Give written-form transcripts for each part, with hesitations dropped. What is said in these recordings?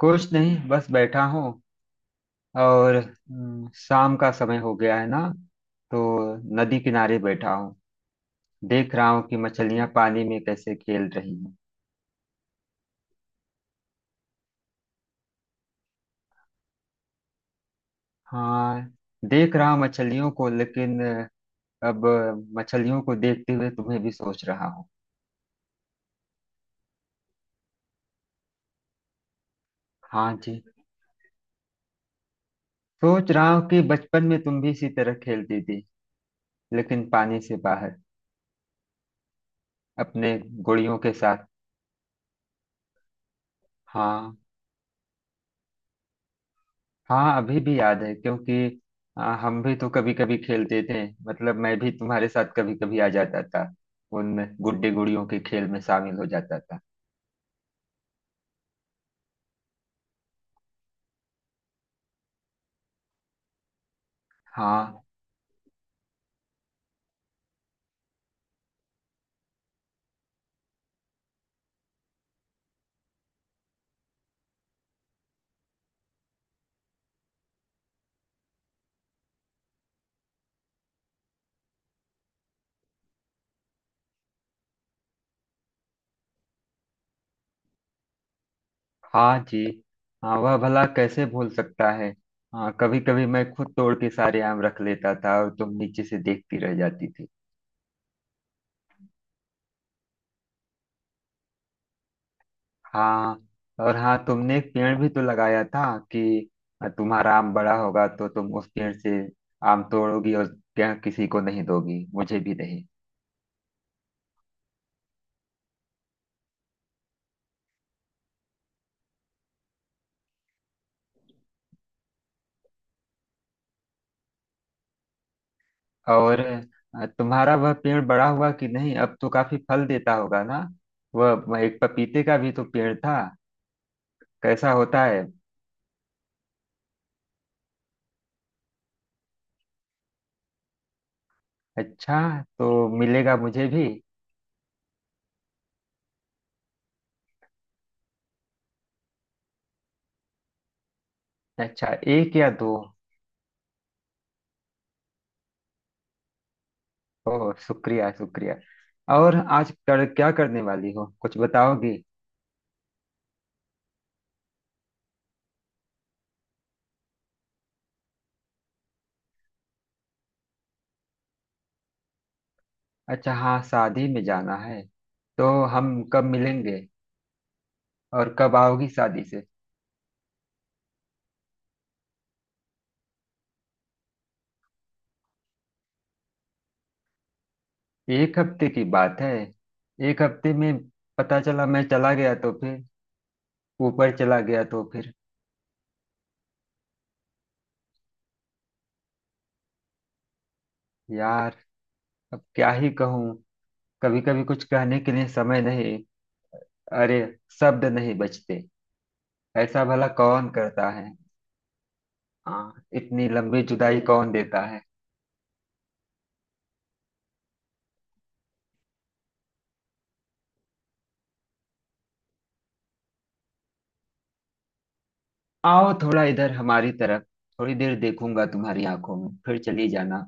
कुछ नहीं, बस बैठा हूँ। और शाम का समय हो गया है ना, तो नदी किनारे बैठा हूँ। देख रहा हूँ कि मछलियाँ पानी में कैसे खेल रही हैं। हाँ, देख रहा हूँ मछलियों को, लेकिन अब मछलियों को देखते हुए तुम्हें भी सोच रहा हूँ। हाँ जी, सोच रहा हूँ कि बचपन में तुम भी इसी तरह खेलती थी, लेकिन पानी से बाहर, अपने गुड़ियों के साथ। हाँ। हाँ, अभी भी याद है, क्योंकि हम भी तो कभी कभी खेलते थे। मतलब मैं भी तुम्हारे साथ कभी कभी आ जाता था, उन गुड्डे गुड़ियों के खेल में शामिल हो जाता था। हाँ। हाँ जी। हाँ, वह भला कैसे भूल सकता है। हाँ, कभी कभी मैं खुद तोड़ के सारे आम रख लेता था और तुम नीचे से देखती रह जाती थी। हाँ। और हाँ, तुमने एक पेड़ भी तो लगाया था कि तुम्हारा आम बड़ा होगा तो तुम उस पेड़ से आम तोड़ोगी, और क्या, किसी को नहीं दोगी, मुझे भी नहीं। और तुम्हारा वह पेड़ बड़ा हुआ कि नहीं? अब तो काफी फल देता होगा ना। वह एक पपीते का भी तो पेड़ था, कैसा होता है? अच्छा, तो मिलेगा मुझे भी। अच्छा, एक या दो? ओह, शुक्रिया शुक्रिया। और आज कर क्या करने वाली हो, कुछ बताओगी? अच्छा, हाँ, शादी में जाना है। तो हम कब मिलेंगे और कब आओगी शादी से? एक हफ्ते की बात है? एक हफ्ते में पता चला मैं चला गया तो फिर, ऊपर चला गया तो फिर। यार, अब क्या ही कहूँ। कभी कभी कुछ कहने के लिए समय नहीं। अरे, शब्द नहीं बचते। ऐसा भला कौन करता है। हाँ, इतनी लंबी जुदाई कौन देता है। आओ थोड़ा इधर हमारी तरफ, थोड़ी देर देखूंगा तुम्हारी आंखों में, फिर चली जाना।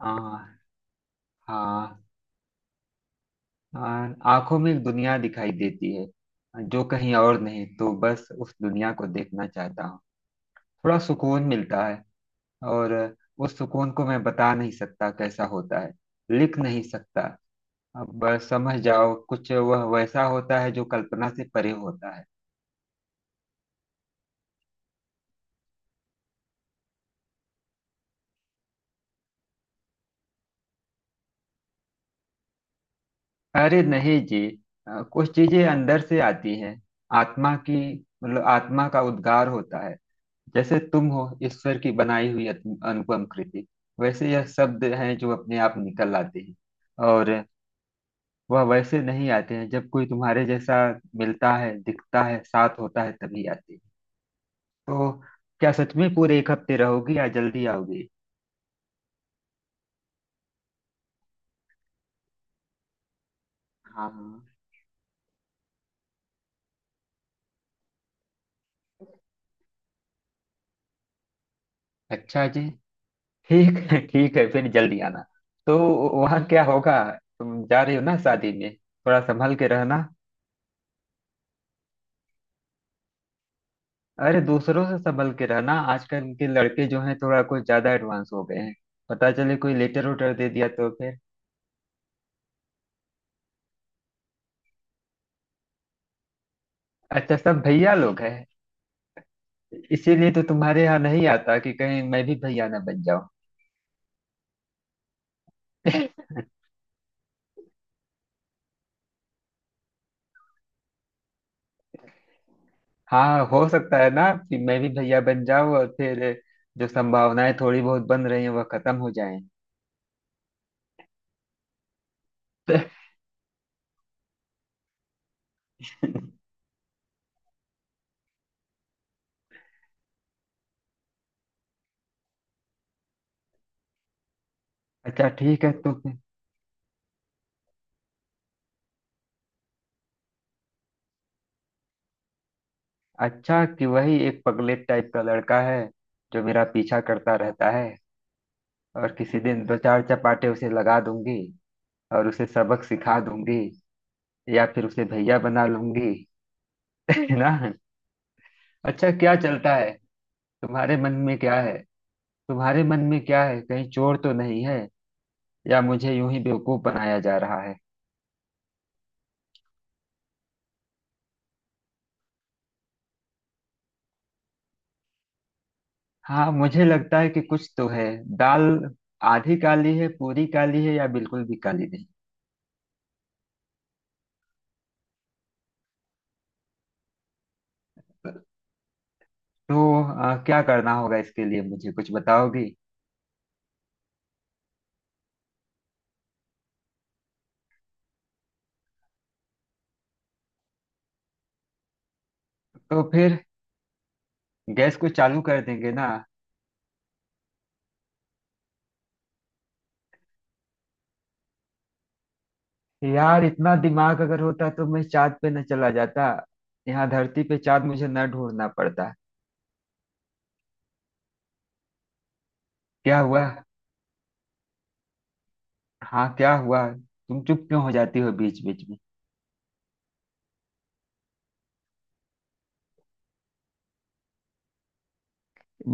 हाँ। हाँ। हाँ, आंखों में एक दुनिया दिखाई देती है, जो कहीं और नहीं, तो बस उस दुनिया को देखना चाहता हूँ। थोड़ा सुकून मिलता है। और उस सुकून को मैं बता नहीं सकता कैसा होता है, लिख नहीं सकता। अब समझ जाओ, कुछ वह वैसा होता है जो कल्पना से परे होता है। अरे नहीं जी, कुछ चीजें अंदर से आती हैं, आत्मा की। मतलब आत्मा का उद्गार होता है। जैसे तुम हो ईश्वर की बनाई हुई अनुपम कृति, वैसे यह शब्द हैं जो अपने आप निकल आते हैं। और वह वैसे नहीं आते हैं, जब कोई तुम्हारे जैसा मिलता है, दिखता है, साथ होता है, तभी आते हैं। तो क्या सच में पूरे एक हफ्ते रहोगी या जल्दी आओगी? हाँ। अच्छा जी, ठीक है ठीक है, फिर जल्दी आना। तो वहाँ क्या होगा? तुम जा रही हो ना शादी में, थोड़ा संभल के रहना। अरे, दूसरों से संभल के रहना, आजकल के लड़के जो हैं थोड़ा कुछ ज्यादा एडवांस हो गए हैं। पता चले कोई लेटर उटर दे दिया तो फिर। अच्छा, सब भैया लोग हैं। इसीलिए तो तुम्हारे यहाँ नहीं आता कि कहीं मैं भी भैया ना बन जाऊं। हाँ, हो सकता है ना कि मैं भी भैया बन जाऊं, और फिर जो संभावनाएं थोड़ी बहुत बन रही हैं वह खत्म हो जाएं। अच्छा, ठीक है तो। अच्छा, कि वही एक पगलेट टाइप का लड़का है जो मेरा पीछा करता रहता है, और किसी दिन दो चार चपाटे उसे लगा दूंगी, और उसे सबक सिखा दूंगी, या फिर उसे भैया बना लूंगी, है ना। अच्छा, क्या चलता है तुम्हारे मन में, क्या है? तुम्हारे मन में क्या है, कहीं चोर तो नहीं है? या मुझे यूं ही बेवकूफ बनाया जा रहा है? हाँ, मुझे लगता है कि कुछ तो है। दाल आधी काली है, पूरी काली है, या बिल्कुल भी काली नहीं? तो क्या करना होगा इसके लिए, मुझे कुछ बताओगी? तो फिर गैस को चालू कर देंगे ना। यार, इतना दिमाग अगर होता तो मैं चांद पे न चला जाता, यहाँ धरती पे चांद मुझे न ढूंढना पड़ता। क्या हुआ? हाँ, क्या हुआ, तुम चुप क्यों हो जाती हो बीच बीच में?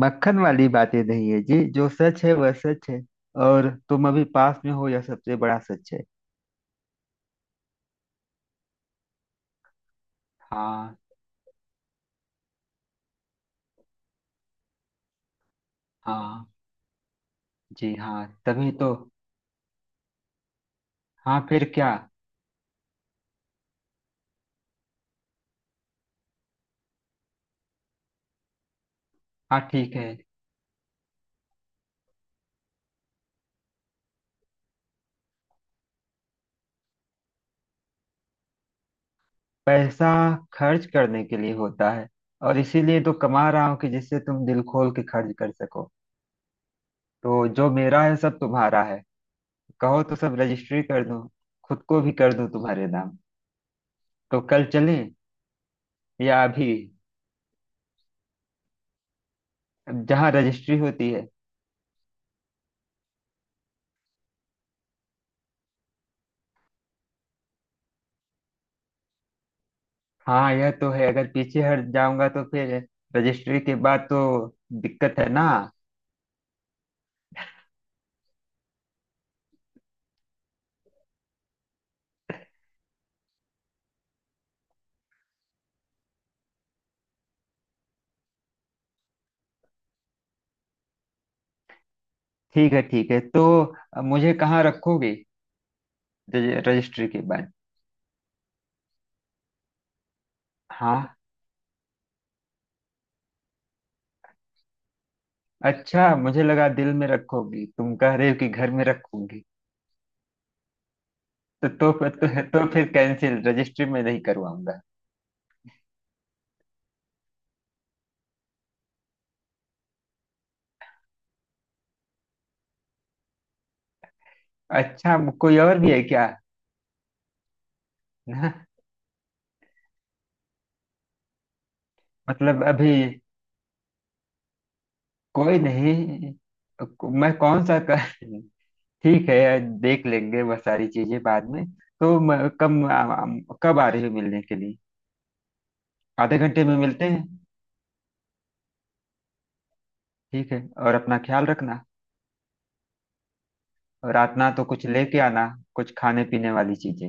मक्खन वाली बातें नहीं है जी, जो सच है वह सच है। और तुम अभी पास में हो, यह सबसे बड़ा सच है। हाँ। हाँ जी, हाँ, तभी तो। हाँ, फिर क्या। हाँ, ठीक है। पैसा खर्च करने के लिए होता है, और इसीलिए तो कमा रहा हूँ कि जिससे तुम दिल खोल के खर्च कर सको। तो जो मेरा है सब तुम्हारा है। कहो तो सब रजिस्ट्री कर दूं, खुद को भी कर दूं तुम्हारे नाम। तो कल चलें या अभी, जहाँ रजिस्ट्री होती है। हाँ, यह तो है, अगर पीछे हट जाऊंगा तो फिर, रजिस्ट्री के बाद तो दिक्कत है ना। ठीक है ठीक है, तो मुझे कहाँ रखोगे रजिस्ट्री के बाद? हाँ। अच्छा, मुझे लगा दिल में रखोगी, तुम कह रहे हो कि घर में रखूंगी। तो फिर कैंसिल रजिस्ट्री में नहीं करवाऊंगा। अच्छा, कोई और भी है क्या? ना। मतलब अभी कोई नहीं। मैं कौन सा कर, ठीक है, देख लेंगे वह सारी चीजें बाद में। तो कब आ रही हो मिलने के लिए? आधे घंटे में मिलते हैं। ठीक है। और अपना ख्याल रखना। और रात ना, तो कुछ लेके आना, कुछ खाने पीने वाली चीजें।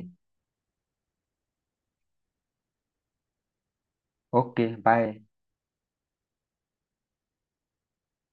Okay, bye.